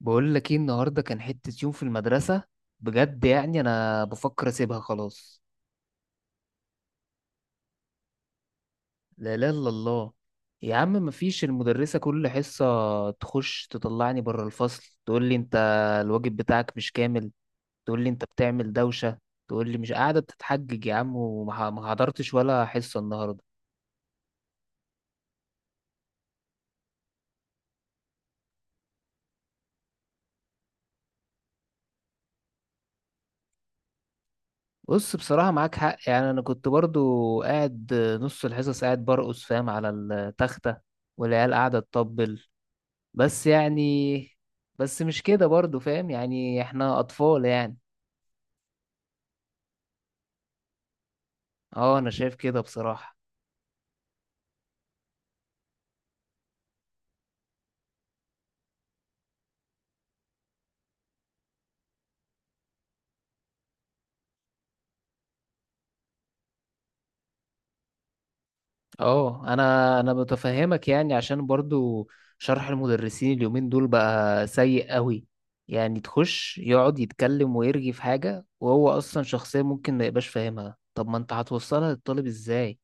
بقول لك ايه النهارده؟ كان حتة يوم في المدرسة، بجد. يعني انا بفكر اسيبها خلاص. لا لا الا الله! يا عم مفيش، المدرسة كل حصة تخش تطلعني بره الفصل، تقول لي انت الواجب بتاعك مش كامل، تقول لي انت بتعمل دوشة، تقول لي مش قاعدة، بتتحجج يا عم. ما حضرتش ولا حصة النهارده. بص بصراحة معاك حق. يعني انا كنت برضو قاعد نص الحصص قاعد برقص، فاهم، على التختة والعيال قاعدة تطبل، بس يعني. بس مش كده برضو فاهم، يعني احنا اطفال يعني. اه انا شايف كده بصراحة. اه انا متفهمك، يعني عشان برضو شرح المدرسين اليومين دول بقى سيء قوي. يعني تخش يقعد يتكلم ويرغي في حاجة، وهو اصلا شخصية ممكن ما يبقاش فاهمها، طب ما انت هتوصلها للطالب ازاي؟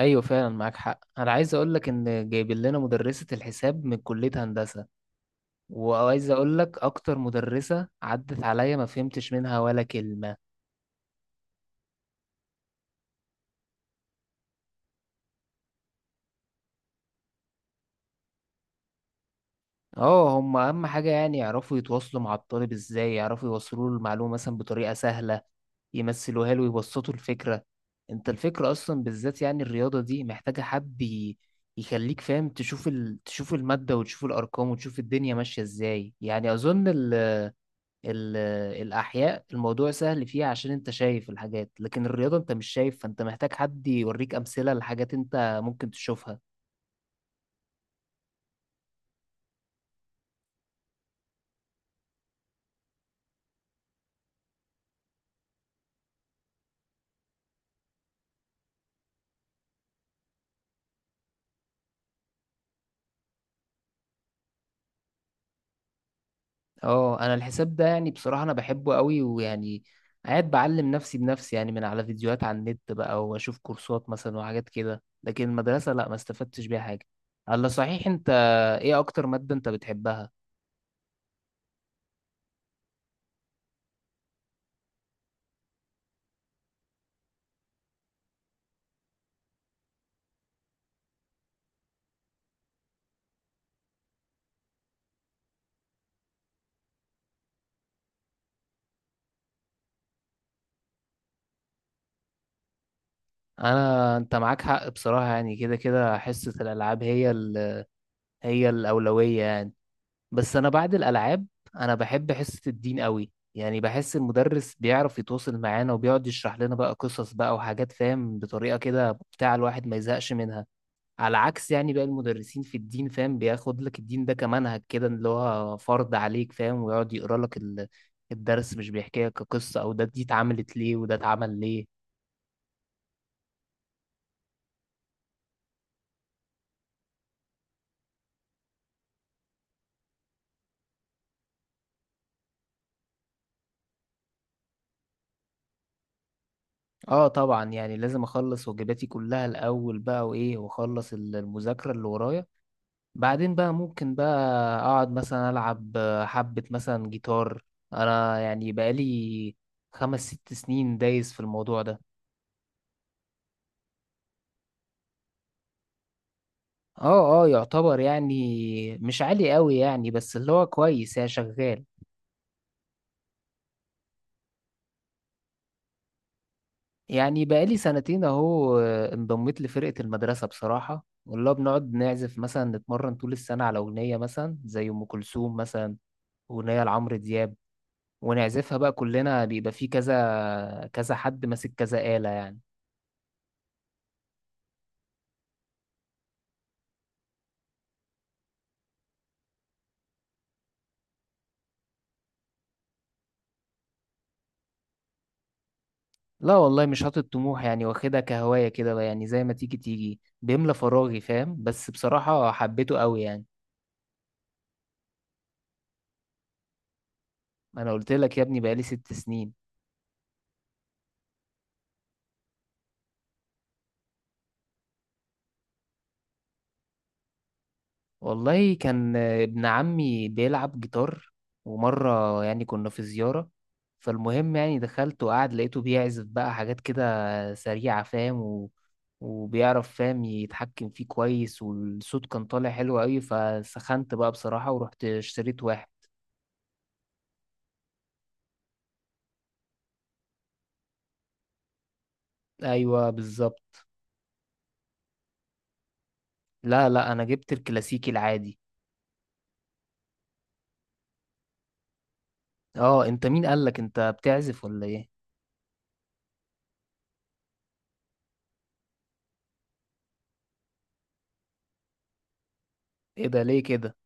ايوه فعلا معاك حق. انا عايز اقولك ان جايبين لنا مدرسة الحساب من كلية هندسة، وعايز اقول لك اكتر مدرسة عدت عليا ما فهمتش منها ولا كلمة. اه هم اهم حاجة يعني يعرفوا يتواصلوا مع الطالب ازاي، يعرفوا يوصلوا له المعلومة مثلا بطريقة سهلة، يمثلوها له ويبسطوا الفكرة. انت الفكرة اصلا بالذات يعني الرياضة دي محتاجة حد يخليك فاهم تشوف تشوف المادة وتشوف الارقام وتشوف الدنيا ماشية ازاي. يعني اظن ال- الأحياء الموضوع سهل فيها عشان أنت شايف الحاجات، لكن الرياضة أنت مش شايف، فأنت محتاج حد يوريك أمثلة لحاجات أنت ممكن تشوفها. اه أنا الحساب ده يعني بصراحة أنا بحبه قوي، ويعني قاعد بعلم نفسي بنفسي يعني، من على فيديوهات على النت بقى، وأشوف كورسات مثلا وحاجات كده، لكن المدرسة لأ ما استفدتش بيها حاجة. الله صحيح أنت، إيه أكتر مادة أنت بتحبها؟ أنا أنت معاك حق بصراحة، يعني كده كده حصة الألعاب هي هي الأولوية يعني. بس انا بعد الالعاب انا بحب حصه الدين قوي. يعني بحس المدرس بيعرف يتواصل معانا وبيقعد يشرح لنا بقى قصص بقى وحاجات، فاهم، بطريقه كده بتاع الواحد ما يزهقش منها. على عكس يعني بقى المدرسين في الدين، فاهم، بياخد لك الدين ده كمنهج كده اللي هو فرض عليك، فاهم، ويقعد يقرا لك الدرس مش بيحكي لك قصه، او ده دي اتعملت ليه وده اتعمل ليه. اه طبعا. يعني لازم اخلص واجباتي كلها الاول بقى، وايه، واخلص المذاكره اللي ورايا، بعدين بقى ممكن بقى اقعد مثلا العب حبة مثلا جيتار. انا يعني بقالي 5 6 سنين دايس في الموضوع ده. اه اه يعتبر، يعني مش عالي قوي يعني بس اللي هو كويس يعني شغال. يعني بقالي سنتين اهو، انضميت لفرقة المدرسة بصراحة، والله بنقعد نعزف مثلا، نتمرن طول السنة على أغنية مثلا زي أم كلثوم مثلا، أغنية لعمرو دياب، ونعزفها بقى كلنا، بيبقى فيه كذا كذا حد ماسك كذا آلة يعني. لا والله مش حاطط طموح، يعني واخدها كهواية كده بقى، يعني زي ما تيجي تيجي، بيملى فراغي فاهم، بس بصراحة حبيته قوي يعني. انا قلت لك يا ابني بقالي 6 سنين. والله كان ابن عمي بيلعب جيتار، ومرة يعني كنا في زيارة، فالمهم يعني دخلت وقعد لقيته بيعزف بقى حاجات كده سريعة، فاهم، وبيعرف فاهم يتحكم فيه كويس، والصوت كان طالع حلو قوي، فسخنت بقى بصراحة ورحت اشتريت واحد. ايوه بالظبط. لا لا انا جبت الكلاسيكي العادي. اه انت مين قالك انت بتعزف ولا ايه؟ ايه ده ليه كده؟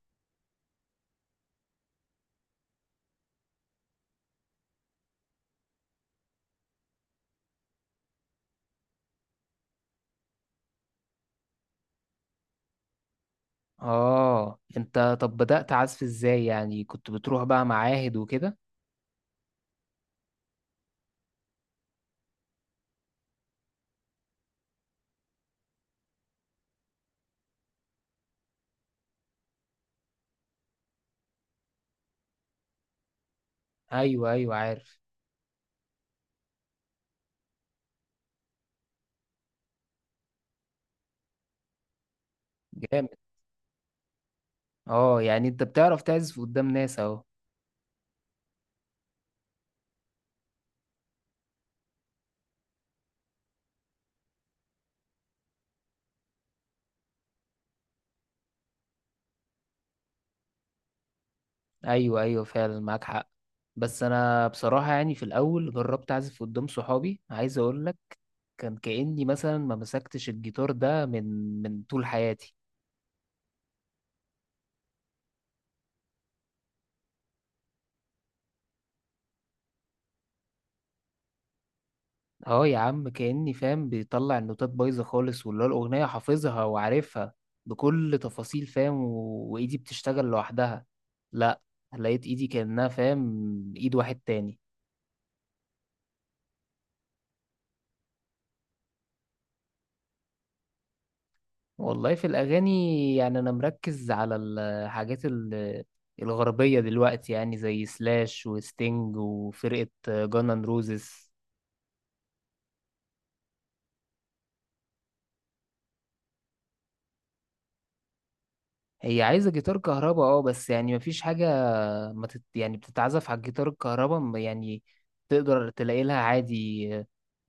اه انت طب بدأت عزف ازاي؟ يعني كنت بتروح بقى معاهد وكده؟ ايوه ايوه عارف. جامد. اه يعني انت بتعرف تعزف قدام ناس اهو. ايوه ايوه فعلا معاك حق. بس انا بصراحة يعني في الاول جربت اعزف قدام صحابي، عايز اقولك كان كأني مثلا ما مسكتش الجيتار ده من طول حياتي. اه يا عم كأني فاهم بيطلع النوتات بايظة خالص، واللي هو الأغنية حافظها وعارفها بكل تفاصيل، فاهم، وإيدي بتشتغل لوحدها. لا، لقيت إيدي كأنها فاهم إيد واحد تاني. والله في الأغاني يعني أنا مركز على الحاجات الغربية دلوقتي. يعني زي سلاش وستينج وفرقة جانان روزز. هي عايزة جيتار كهرباء اه، بس يعني مفيش حاجة، ما تت... يعني بتتعزف على الجيتار الكهرباء يعني تقدر تلاقي لها عادي،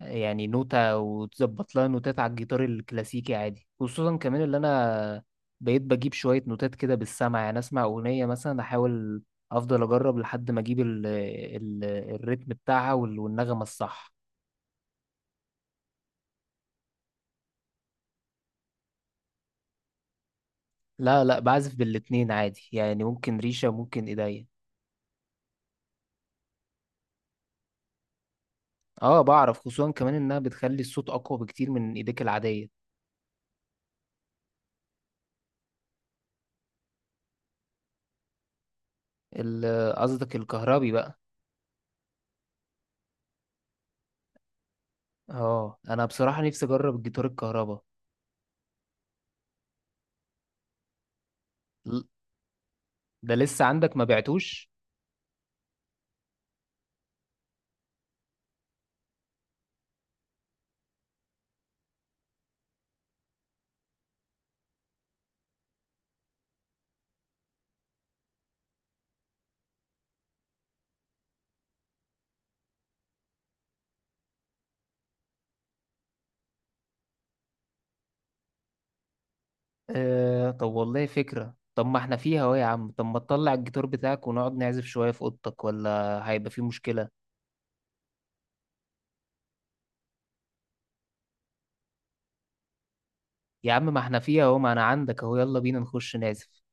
يعني نوتة وتظبط لها نوتات على الجيتار الكلاسيكي عادي. خصوصا كمان اللي انا بقيت بجيب شوية نوتات كده بالسمع، يعني اسمع اغنية مثلا، احاول افضل اجرب لحد ما اجيب الريتم بتاعها والنغمة الصح. لا لا بعزف بالاتنين عادي، يعني ممكن ريشة ممكن ايديا. اه بعرف، خصوصا كمان انها بتخلي الصوت اقوى بكتير من ايديك العادية. قصدك الكهربي بقى؟ اه انا بصراحة نفسي اجرب الجيتار الكهربا. ل- ده لسه عندك ما بعتوش؟ آه طب والله فكرة. طب ما احنا فيها اهو يا عم، طب ما تطلع الجيتار بتاعك ونقعد نعزف شوية في اوضتك، ولا هيبقى في مشكلة؟ يا عم ما احنا فيها اهو، ما انا عندك اهو، يلا بينا نخش نعزف.